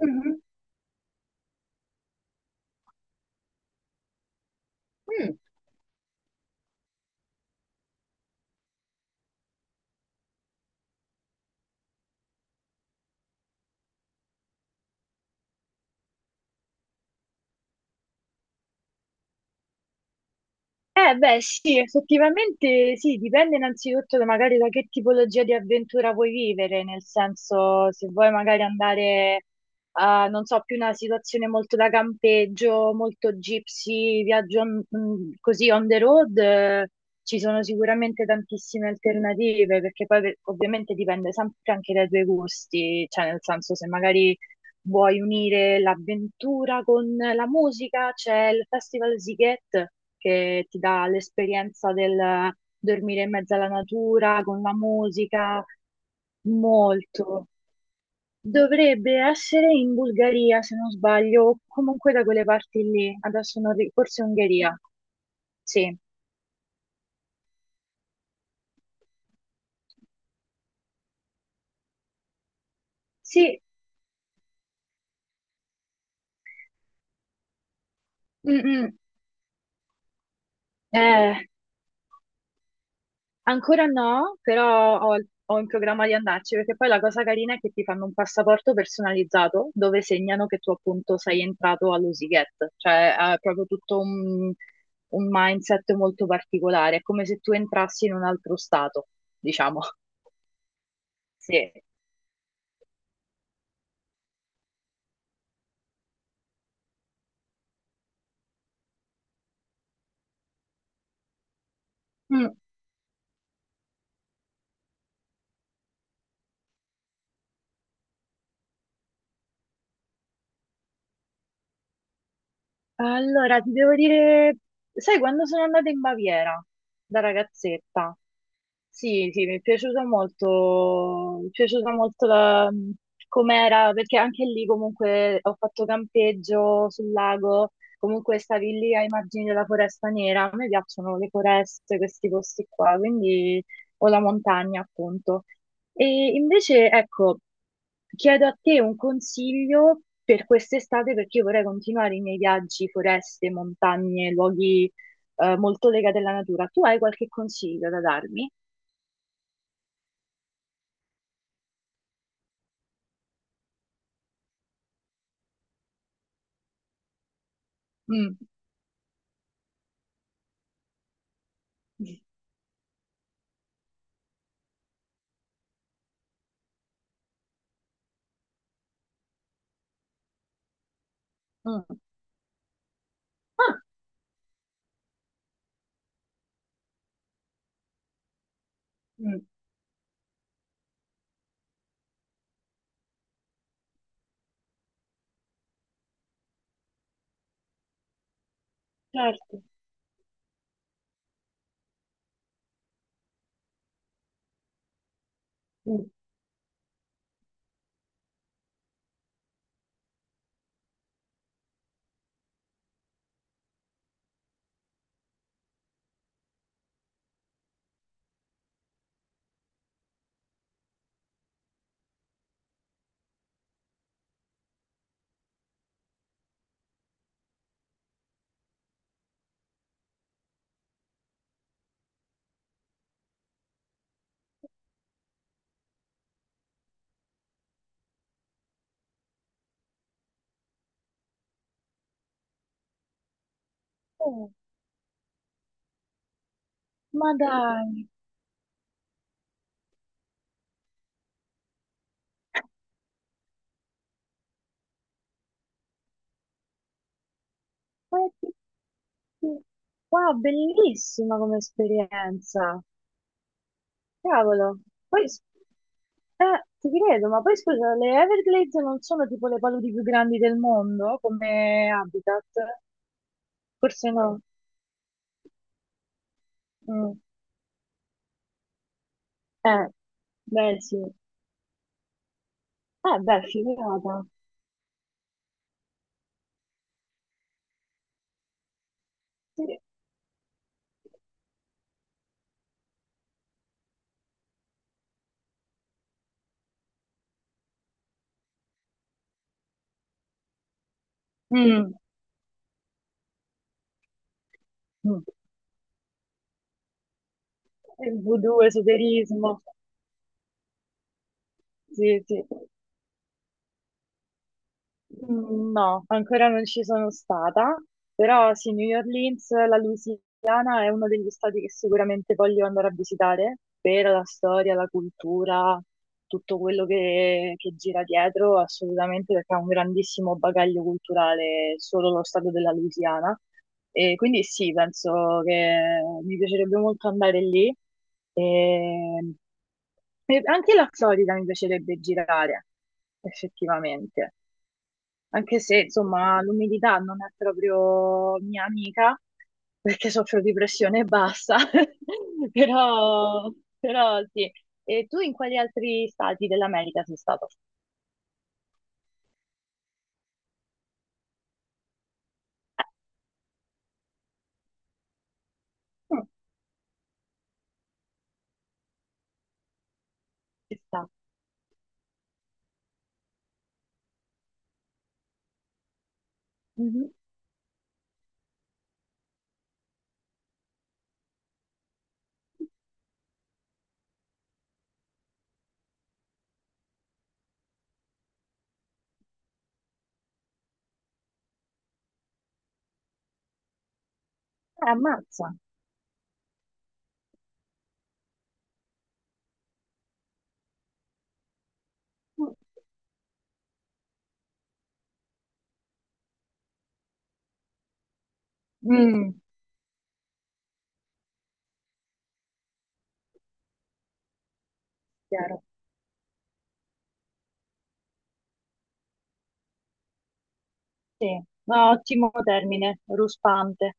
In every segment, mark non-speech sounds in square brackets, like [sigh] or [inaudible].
Mhm. Mm. Eh beh sì, effettivamente sì, dipende innanzitutto magari da che tipologia di avventura vuoi vivere, nel senso se vuoi magari andare a, non so, più una situazione molto da campeggio, molto gypsy, così on the road, ci sono sicuramente tantissime alternative, perché ovviamente dipende sempre anche dai tuoi gusti, cioè nel senso se magari vuoi unire l'avventura con la musica? C'è il Festival Siget che ti dà l'esperienza del dormire in mezzo alla natura con la musica, molto. Dovrebbe essere in Bulgaria, se non sbaglio, o comunque da quelle parti lì. Adesso non ri- forse Ungheria. Sì, sì, mm, mm. Eh, ancora no, però ho in programma di andarci perché poi la cosa carina è che ti fanno un passaporto personalizzato dove segnano che tu appunto sei entrato all'Usiget, cioè è proprio tutto un mindset molto particolare, è come se tu entrassi in un altro stato, diciamo. [laughs] Sì. Mm. Allora, ti devo dire, sai, quando sono andata in Baviera da ragazzetta, sì, sì, mi è piaciuta molto, mi è piaciuta molto. Perché anche lì comunque ho fatto campeggio sul lago, comunque stavi lì ai margini della Foresta Nera, a me piacciono le foreste, questi posti qua, quindi o la montagna, appunto. E invece, ecco, chiedo a te un consiglio per quest'estate perché io vorrei continuare i miei viaggi, foreste, montagne, luoghi, molto legati alla natura. Tu hai qualche consiglio da darmi? Mm. Mm. Ah, mm, certo. Mm. Oh, ma dai, ma è che- wow, bellissima come esperienza. Cavolo. Poi, s- ti credo, ma poi scusa, le Everglades non sono tipo le paludi più grandi del mondo come habitat? Forse no. Mm. Eh, beh sì. Beh, figata. Sì. Mm. Mm. Il voodoo, esoterismo. Sì, sì. Mm, no, ancora non ci sono stata, però sì, New Orleans, la Louisiana è uno degli stati che sicuramente voglio andare a visitare per la storia, la cultura, tutto quello che gira dietro, assolutamente perché ha un grandissimo bagaglio culturale solo lo stato della Louisiana. E quindi sì, penso che mi piacerebbe molto andare lì. E... e anche la Florida mi piacerebbe girare, effettivamente, anche se insomma l'umidità non è proprio mia amica perché soffro di pressione bassa, [laughs] però, però sì. E tu in quali altri stati dell'America sei stato? Eh, mm, ci sta. Mhm. Ammazza. Mm, chiaro. Sì, no, ottimo termine, ruspante,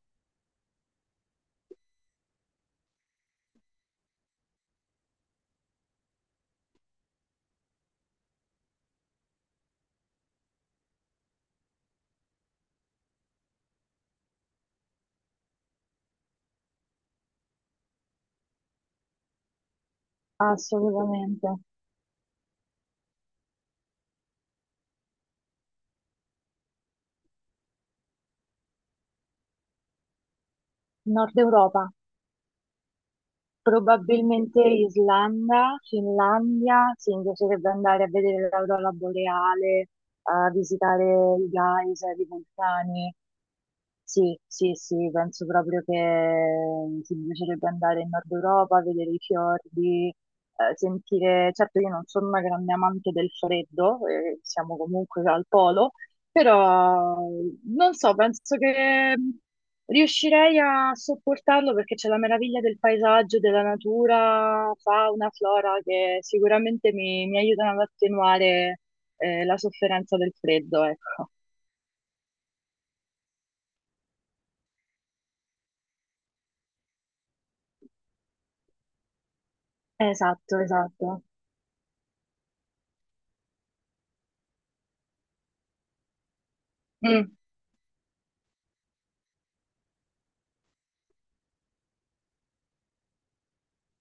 assolutamente. Nord Europa. Probabilmente Islanda, Finlandia, sì, mi piacerebbe andare a vedere l'aurora boreale, a visitare i geyser, i vulcani. Sì, sì, sì, penso proprio che ti piacerebbe andare in Nord Europa, vedere i fiordi, sentire... Certo, io non sono una grande amante del freddo, siamo comunque al polo, però non so, penso che riuscirei a sopportarlo perché c'è la meraviglia del paesaggio, della natura, fauna, flora, che sicuramente mi aiutano ad attenuare, la sofferenza del freddo, ecco. Esatto, esatto. Mm,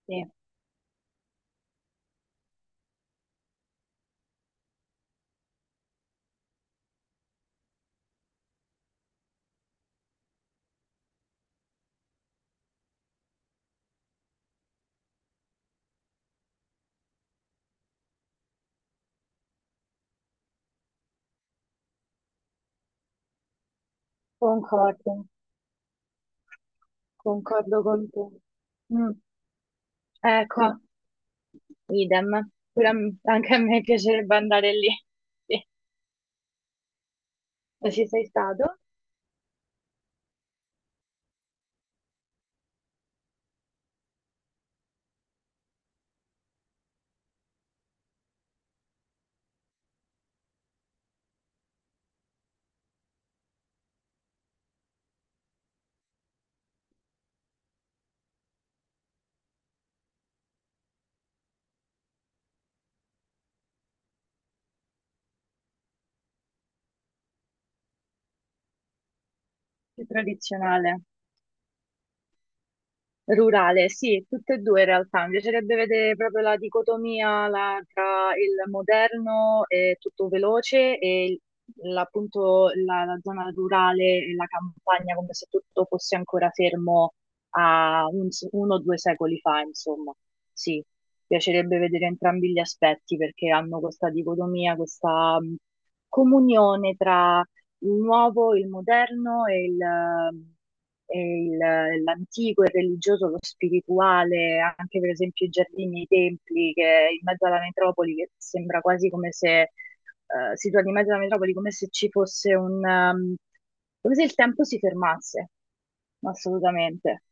sì. Concordo, concordo con te. Mm, ecco, idem. Pure anche a me piacerebbe andare lì. Sì, non ci sei stato? Più tradizionale. Rurale, sì, tutte e due in realtà. Mi piacerebbe vedere proprio la dicotomia tra il moderno e tutto veloce e appunto la zona rurale e la campagna, come se tutto fosse ancora fermo a 1 o 2 secoli fa, insomma. Sì, mi piacerebbe vedere entrambi gli aspetti perché hanno questa dicotomia, questa comunione il nuovo, il moderno e l'antico, il religioso, lo spirituale, anche per esempio i giardini, i templi, che in mezzo alla metropoli, che sembra quasi come se, situati in mezzo alla metropoli, come se ci fosse un, come se il tempo si fermasse, assolutamente.